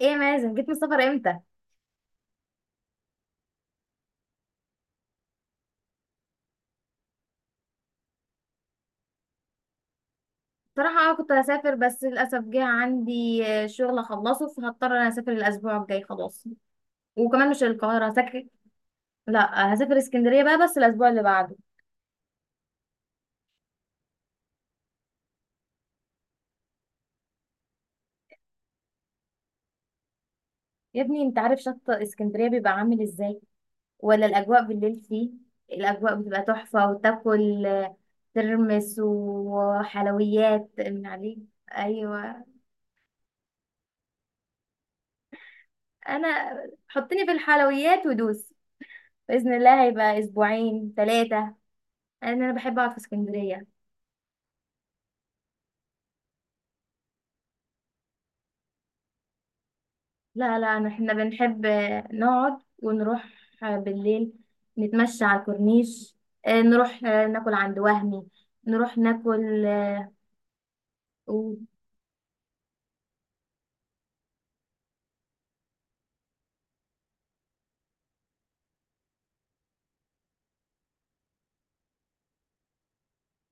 ايه يا مازن، جيت من السفر امتى؟ بصراحه كنت هسافر، بس للاسف جه عندي شغل اخلصه، فهضطر انا اسافر الاسبوع الجاي خلاص. وكمان مش القاهره هسافر. لا، هسافر اسكندريه بقى، بس الاسبوع اللي بعده. يا ابني، انت عارف شط اسكندريه بيبقى عامل ازاي ولا الاجواء بالليل فيه؟ الاجواء بتبقى تحفه، وتاكل ترمس وحلويات من عليه. ايوه. انا حطني في الحلويات ودوس. باذن الله هيبقى اسبوعين ثلاثه، لان انا بحب اقعد في اسكندريه. لا لا، احنا بنحب نقعد ونروح بالليل، نتمشى على الكورنيش، نروح ناكل عند وهمي، نروح ناكل اه أوه.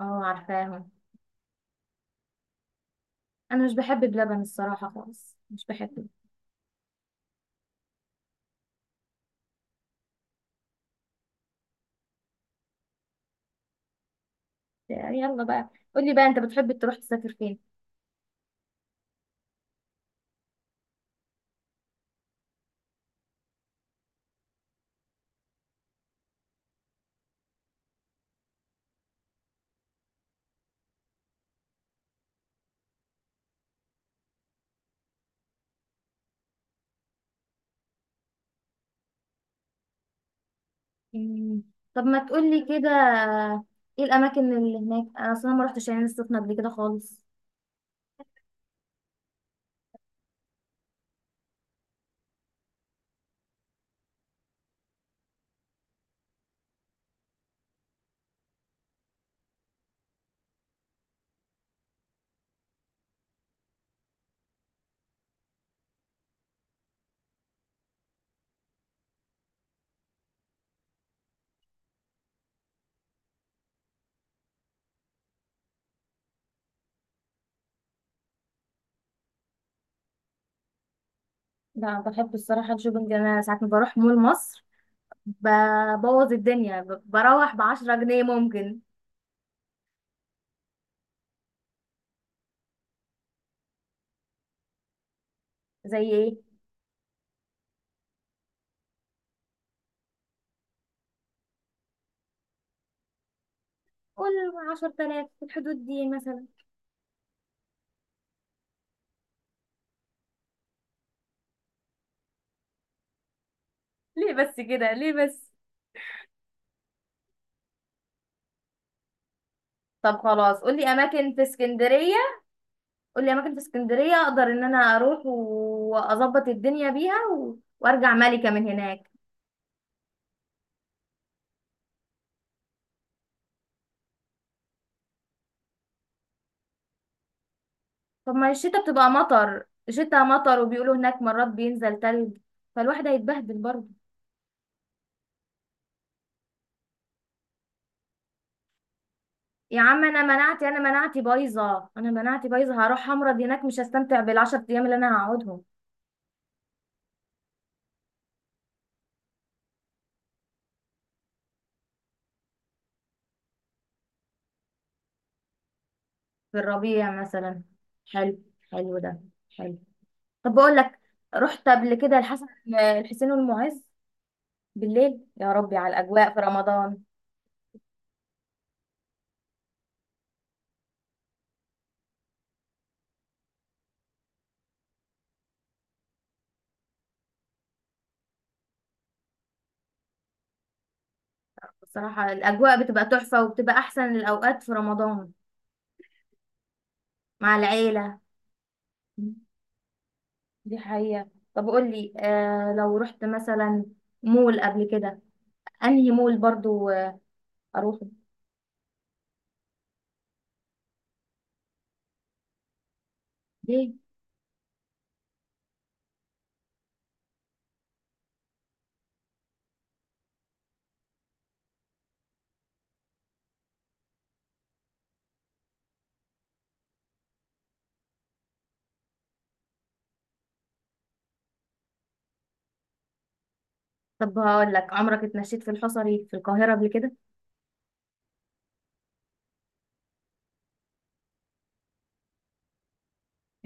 عارفاهم. انا مش بحب بلبن الصراحه، خالص مش بحب. يلا بقى، قولي بقى، انت بتحب تروح تسافر فين؟ مم. طب ما تقولي كده، ايه الاماكن اللي هناك؟ انا اصلا ما رحتش العين السخنه قبل كده خالص. لا، بحب الصراحه الشوبنج، انا ساعات ما بروح مول مصر ببوظ الدنيا، بروح ب10 جنيه ممكن. زي ايه؟ قول. 10,000 في الحدود دي مثلا. ليه بس كده، ليه بس؟ طب خلاص، قولي أماكن في اسكندرية. قولي أماكن في اسكندرية أقدر إن أنا أروح وأظبط الدنيا بيها وأرجع ملكة من هناك. طب ما الشتا بتبقى مطر، الشتا مطر، وبيقولوا هناك مرات بينزل تلج، فالواحد هيتبهدل برضه. يا عم، أنا مناعتي بايظة، هروح أمرض هناك، مش هستمتع بالعشر أيام اللي أنا هقعدهم. في الربيع مثلا. حلو. حلو ده. حلو. طب بقول لك، رحت قبل كده الحسين والمعز، بالليل، يا ربي على الاجواء في رمضان. بصراحه الاجواء بتبقى تحفه، وبتبقى احسن الاوقات في رمضان، مع العيله. دي حقيقه. طب قول لي، لو رحت مثلا مول قبل كده، انهي مول برضو اروحه؟ ليه؟ طب هقول لك، عمرك اتمشيت في الحصري في القاهره قبل كده؟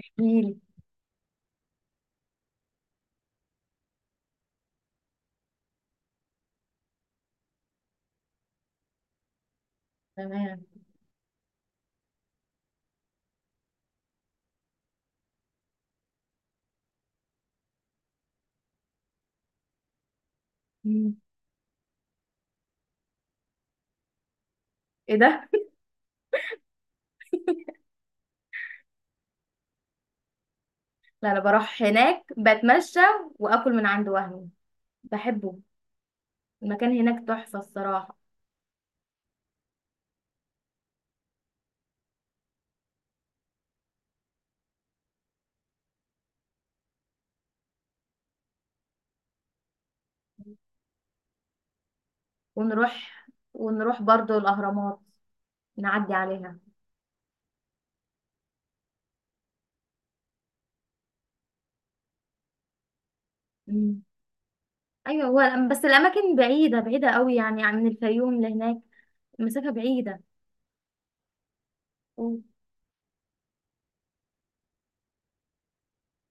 احكيلي. تمام. مم. ايه ده؟ لا، انا بروح هناك بتمشى، واكل من عند وهمي، بحبه، المكان هناك تحفة الصراحة. ونروح، ونروح برضو الاهرامات، نعدي عليها. مم. ايوه. هو بس الاماكن بعيدة بعيدة قوي، يعني من الفيوم لهناك المسافة بعيدة. و-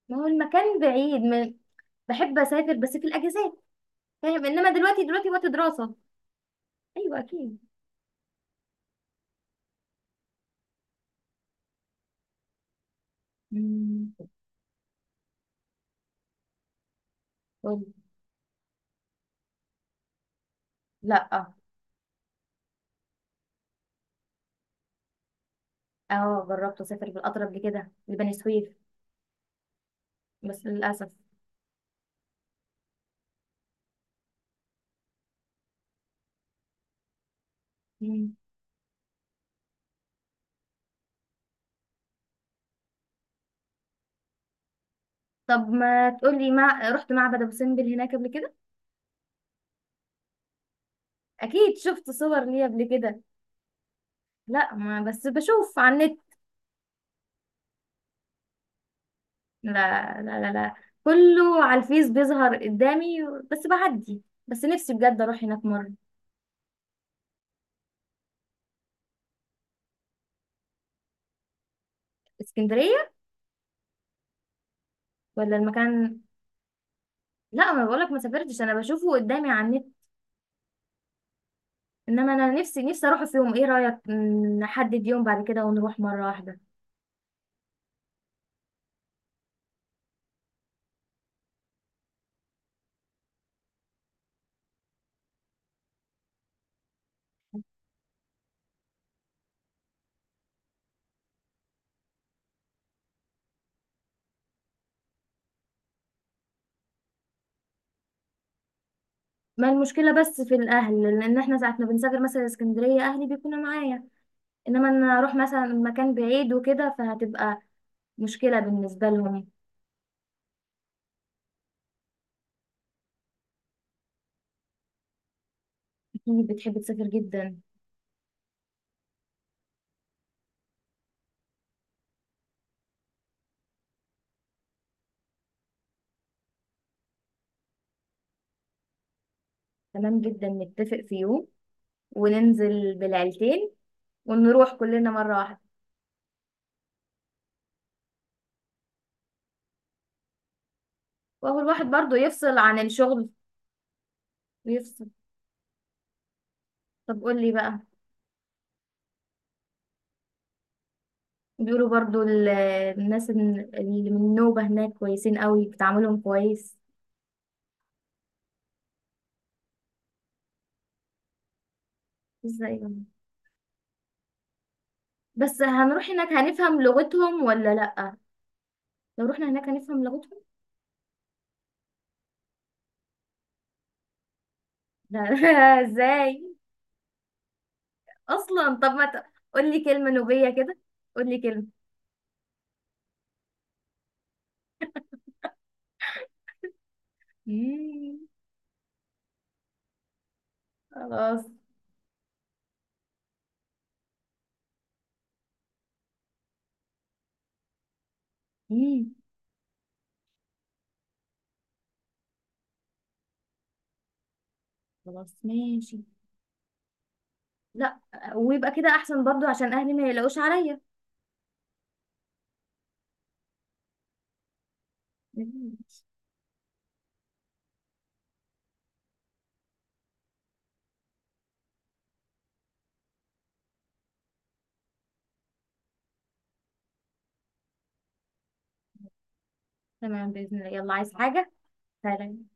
ما هو المكان بعيد من. بحب اسافر بس في الاجازات، فاهم؟ انما دلوقتي دلوقتي وقت دراسة. ايوه اكيد. مم. قولي. لا. اه جربت اسافر بالقطر قبل كده لبني سويف، بس للاسف. مم. طب ما تقولي، رحت معبد ابو سمبل هناك قبل كده؟ اكيد شفت صور ليه قبل كده. لا، ما بس بشوف على النت. لا لا لا لا، كله على الفيس بيظهر قدامي، بس بعدي، بس نفسي بجد اروح هناك مره. اسكندريه؟ ولا المكان؟ لا، ما بقولك ما سافرتش، انا بشوفه قدامي على النت، انما انا نفسي نفسي اروح في يوم. ايه رايك؟ نحدد يوم بعد كده ونروح مره واحده. ما المشكله بس في الاهل، لان احنا ساعه ما بنسافر مثلا اسكندريه اهلي بيكونوا معايا، انما ان انا اروح مثلا مكان بعيد وكده فهتبقى مشكلة بالنسبة لهم. اكيد بتحب تسافر جدا. تمام جدا، نتفق في يوم، وننزل بالعيلتين، ونروح كلنا مرة واحدة. وهو الواحد برضو يفصل عن الشغل ويفصل. طب قولي بقى، بيقولوا برضو الناس اللي من النوبة هناك كويسين قوي، بتعاملهم كويس. ازاي بقى؟ بس هنروح هناك هنفهم لغتهم ولا لا؟ لو رحنا هناك هنفهم لغتهم؟ لا ازاي اصلا؟ طب ما قول لي كلمه نوبيه كده، قول لي كلمه. مم. خلاص. مم. خلاص ماشي. لا، ويبقى كده احسن برضو عشان اهلي ما يلاقوش عليا. ماشي. تمام باذن الله، يلا عايز حاجه؟ سلام.